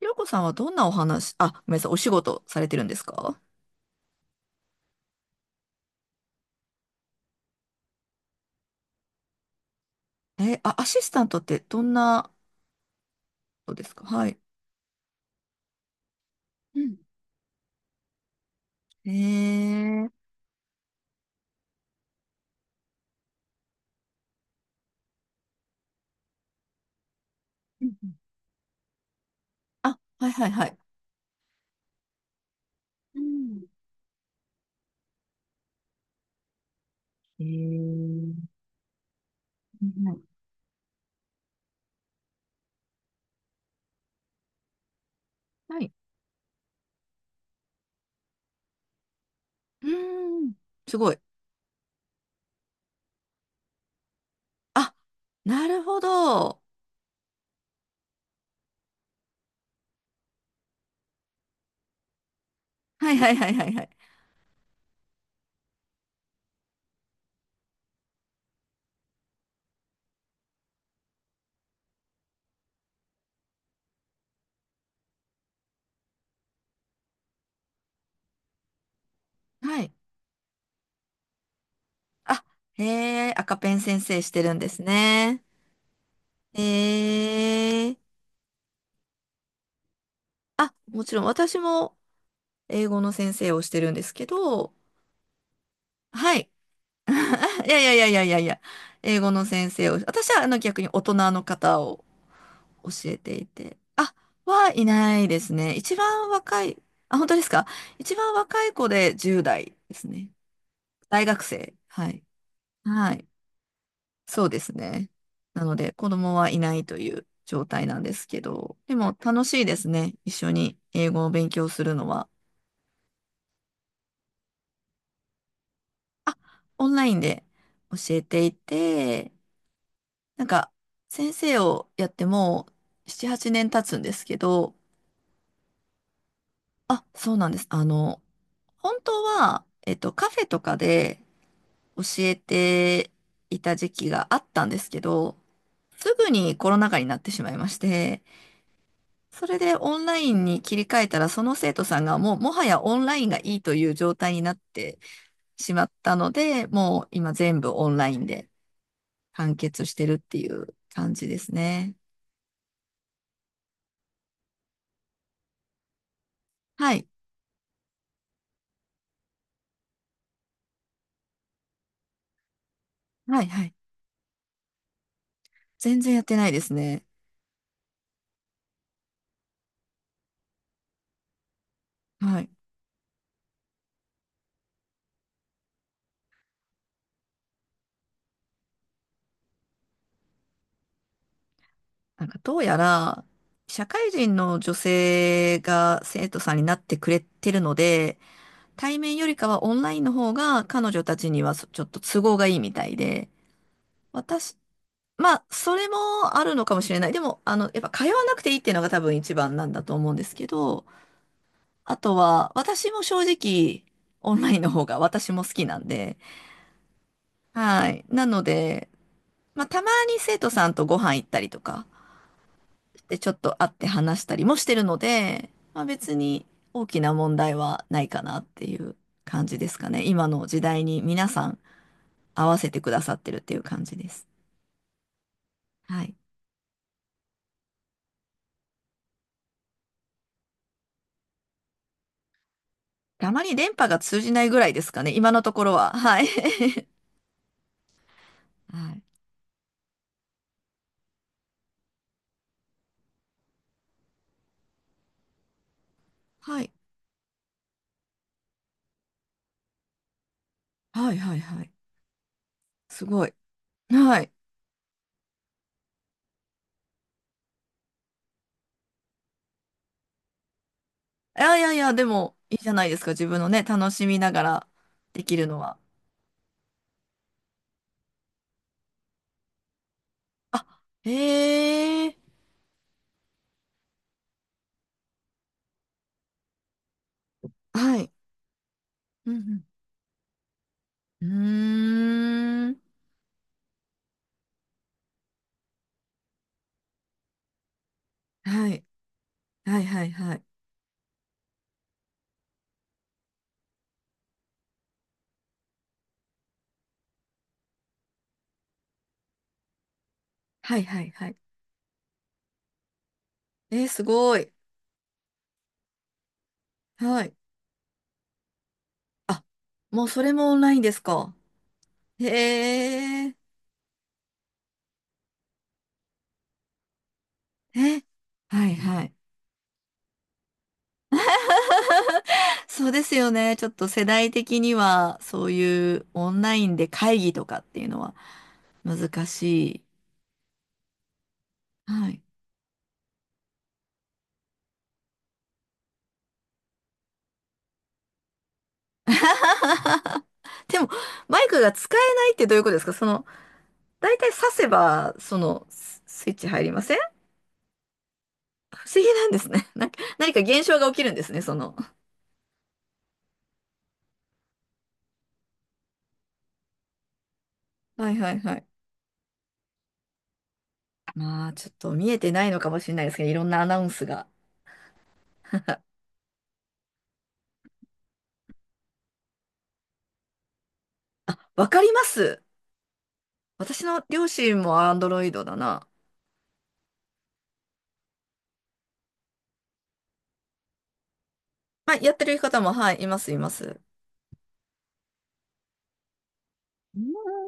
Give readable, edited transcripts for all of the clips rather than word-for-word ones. ひろこさんはどんなお話、あ、ごめんなさい、お仕事されてるんですか？え、あ、アシスタントってどんなことですか？はい。うん。うんうん。あ、はいはいはい。うん。えー、はい。はい。うーん、すごい。あ、なるほど。はいはいはいはいはい。はい。あ、へえ。赤ペン先生してるんですね。へえー。あ、もちろん私も英語の先生をしてるんですけど、はい。いやいやいやいやいやいや、英語の先生を、私は逆に大人の方を教えていて、あ、はいないですね。一番若い、あ、本当ですか？一番若い子で10代ですね。大学生。はい。はい。そうですね。なので、子供はいないという状態なんですけど、でも楽しいですね。一緒に英語を勉強するのは。あ、オンラインで教えていて、なんか、先生をやってもう7、8年経つんですけど、あ、そうなんです。本当は、カフェとかで教えていた時期があったんですけど、すぐにコロナ禍になってしまいまして、それでオンラインに切り替えたら、その生徒さんがもう、もはやオンラインがいいという状態になってしまったので、もう今全部オンラインで完結してるっていう感じですね。はい。はい、はい。全然やってないですね。はい。なんかどうやら、社会人の女性が生徒さんになってくれてるので、対面よりかはオンラインの方が彼女たちにはちょっと都合がいいみたいで、私、まあ、それもあるのかもしれない。でも、やっぱ通わなくていいっていうのが多分一番なんだと思うんですけど、あとは、私も正直、オンラインの方が私も好きなんで、はい。なので、まあ、たまに生徒さんとご飯行ったりとか、で、ちょっと会って話したりもしてるので、まあ、別に大きな問題はないかなっていう感じですかね。今の時代に皆さん合わせてくださってるっていう感じです。はい。あまり電波が通じないぐらいですかね。今のところは。はい。はい。はい。はい。はい。はい。すごい。はい。いやいやいや、でもいいじゃないですか。自分のね、楽しみながらできるのは。あ、へえ。はい。うん、うん。うーん。はい。はいはいはい。はいはいはい。えー、すごい。はい。あ、もうそれもオンラインですか？へえ、え、はいはい。そうですよね。ちょっと世代的には、そういうオンラインで会議とかっていうのは難しい。はい。でも、マイクが使えないってどういうことですか？その、だいたい挿せば、その、スイッチ入りません？不思議なんですね。なんか、何か現象が起きるんですね、その。はいはいはい。まあ、ちょっと見えてないのかもしれないですけど、いろんなアナウンスが。わかります。私の両親もアンドロイドだな。はい、やってる方も、はい、います、います。うん、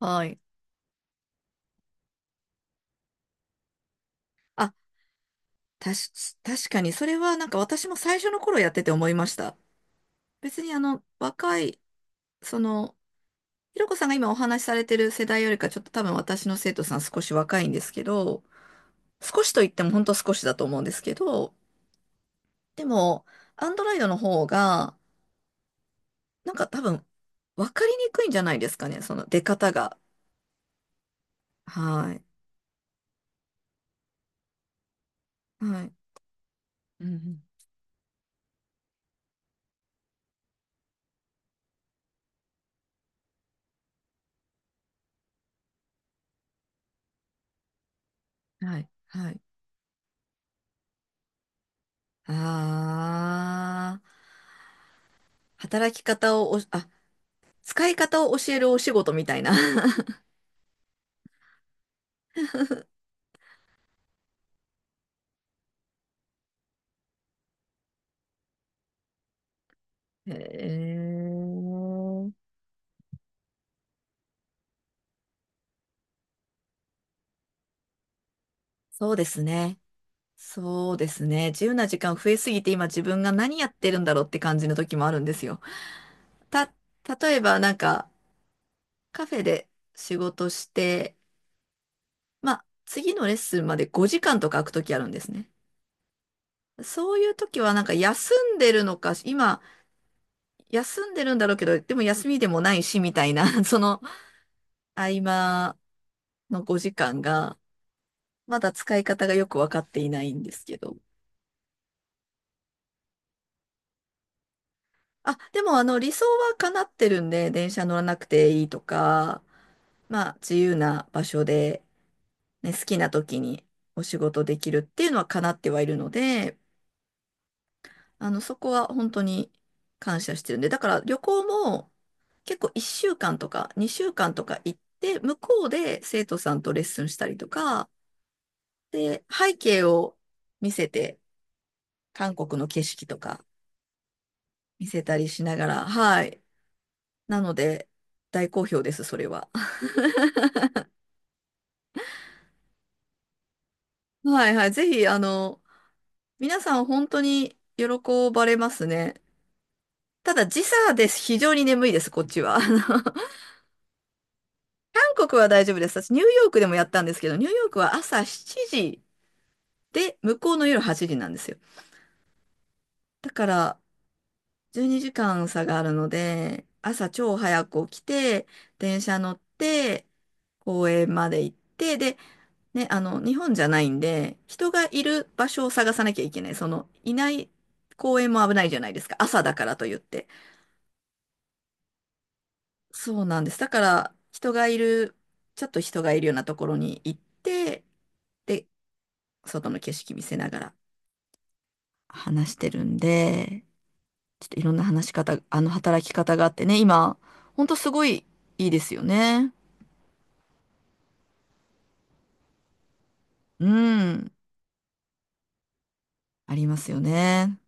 はい。あ、たし、確かに、それはなんか私も最初の頃やってて思いました。別にあの、若い、その、ひろこさんが今お話しされてる世代よりか、ちょっと多分私の生徒さん少し若いんですけど、少しと言っても本当少しだと思うんですけど、でも、アンドロイドの方が、なんか多分、わかりにくいんじゃないですかね、その出方が。はい。はい。うん。うん、はい。はい。ああ、働き方をお、あ、使い方を教えるお仕事みたいな。へえ。そうですね。そうですね。自由な時間増えすぎて今自分が何やってるんだろうって感じの時もあるんですよ。た、例えばなんかカフェで仕事して、まあ次のレッスンまで5時間とか空く時あるんですね。そういう時はなんか休んでるのか、今休んでるんだろうけど、でも休みでもないしみたいな、その合間の5時間が、まだ使い方がよくわかっていないんですけど。あ、でもあの理想は叶ってるんで、電車乗らなくていいとか、まあ自由な場所で、ね、好きな時にお仕事できるっていうのは叶ってはいるので、そこは本当に感謝してるんで、だから旅行も結構1週間とか2週間とか行って、向こうで生徒さんとレッスンしたりとか、で、背景を見せて、韓国の景色とか見せたりしながら、はい。なので、大好評です、それは。はいはい。ぜひ、皆さん本当に喜ばれますね。ただ、時差です。非常に眠いです、こっちは。韓国は大丈夫です。私、ニューヨークでもやったんですけど、ニューヨークは朝7時で、向こうの夜8時なんですよ。だから、12時間差があるので、朝超早く起きて、電車乗って、公園まで行って、で、ね、日本じゃないんで、人がいる場所を探さなきゃいけない。その、いない公園も危ないじゃないですか。朝だからと言って。そうなんです。だから、人がいる、ちょっと人がいるようなところに行って、で、外の景色見せながら話してるんで、ちょっといろんな話し方、あの働き方があってね、今、ほんとすごいいいですよね。うん、ありますよね。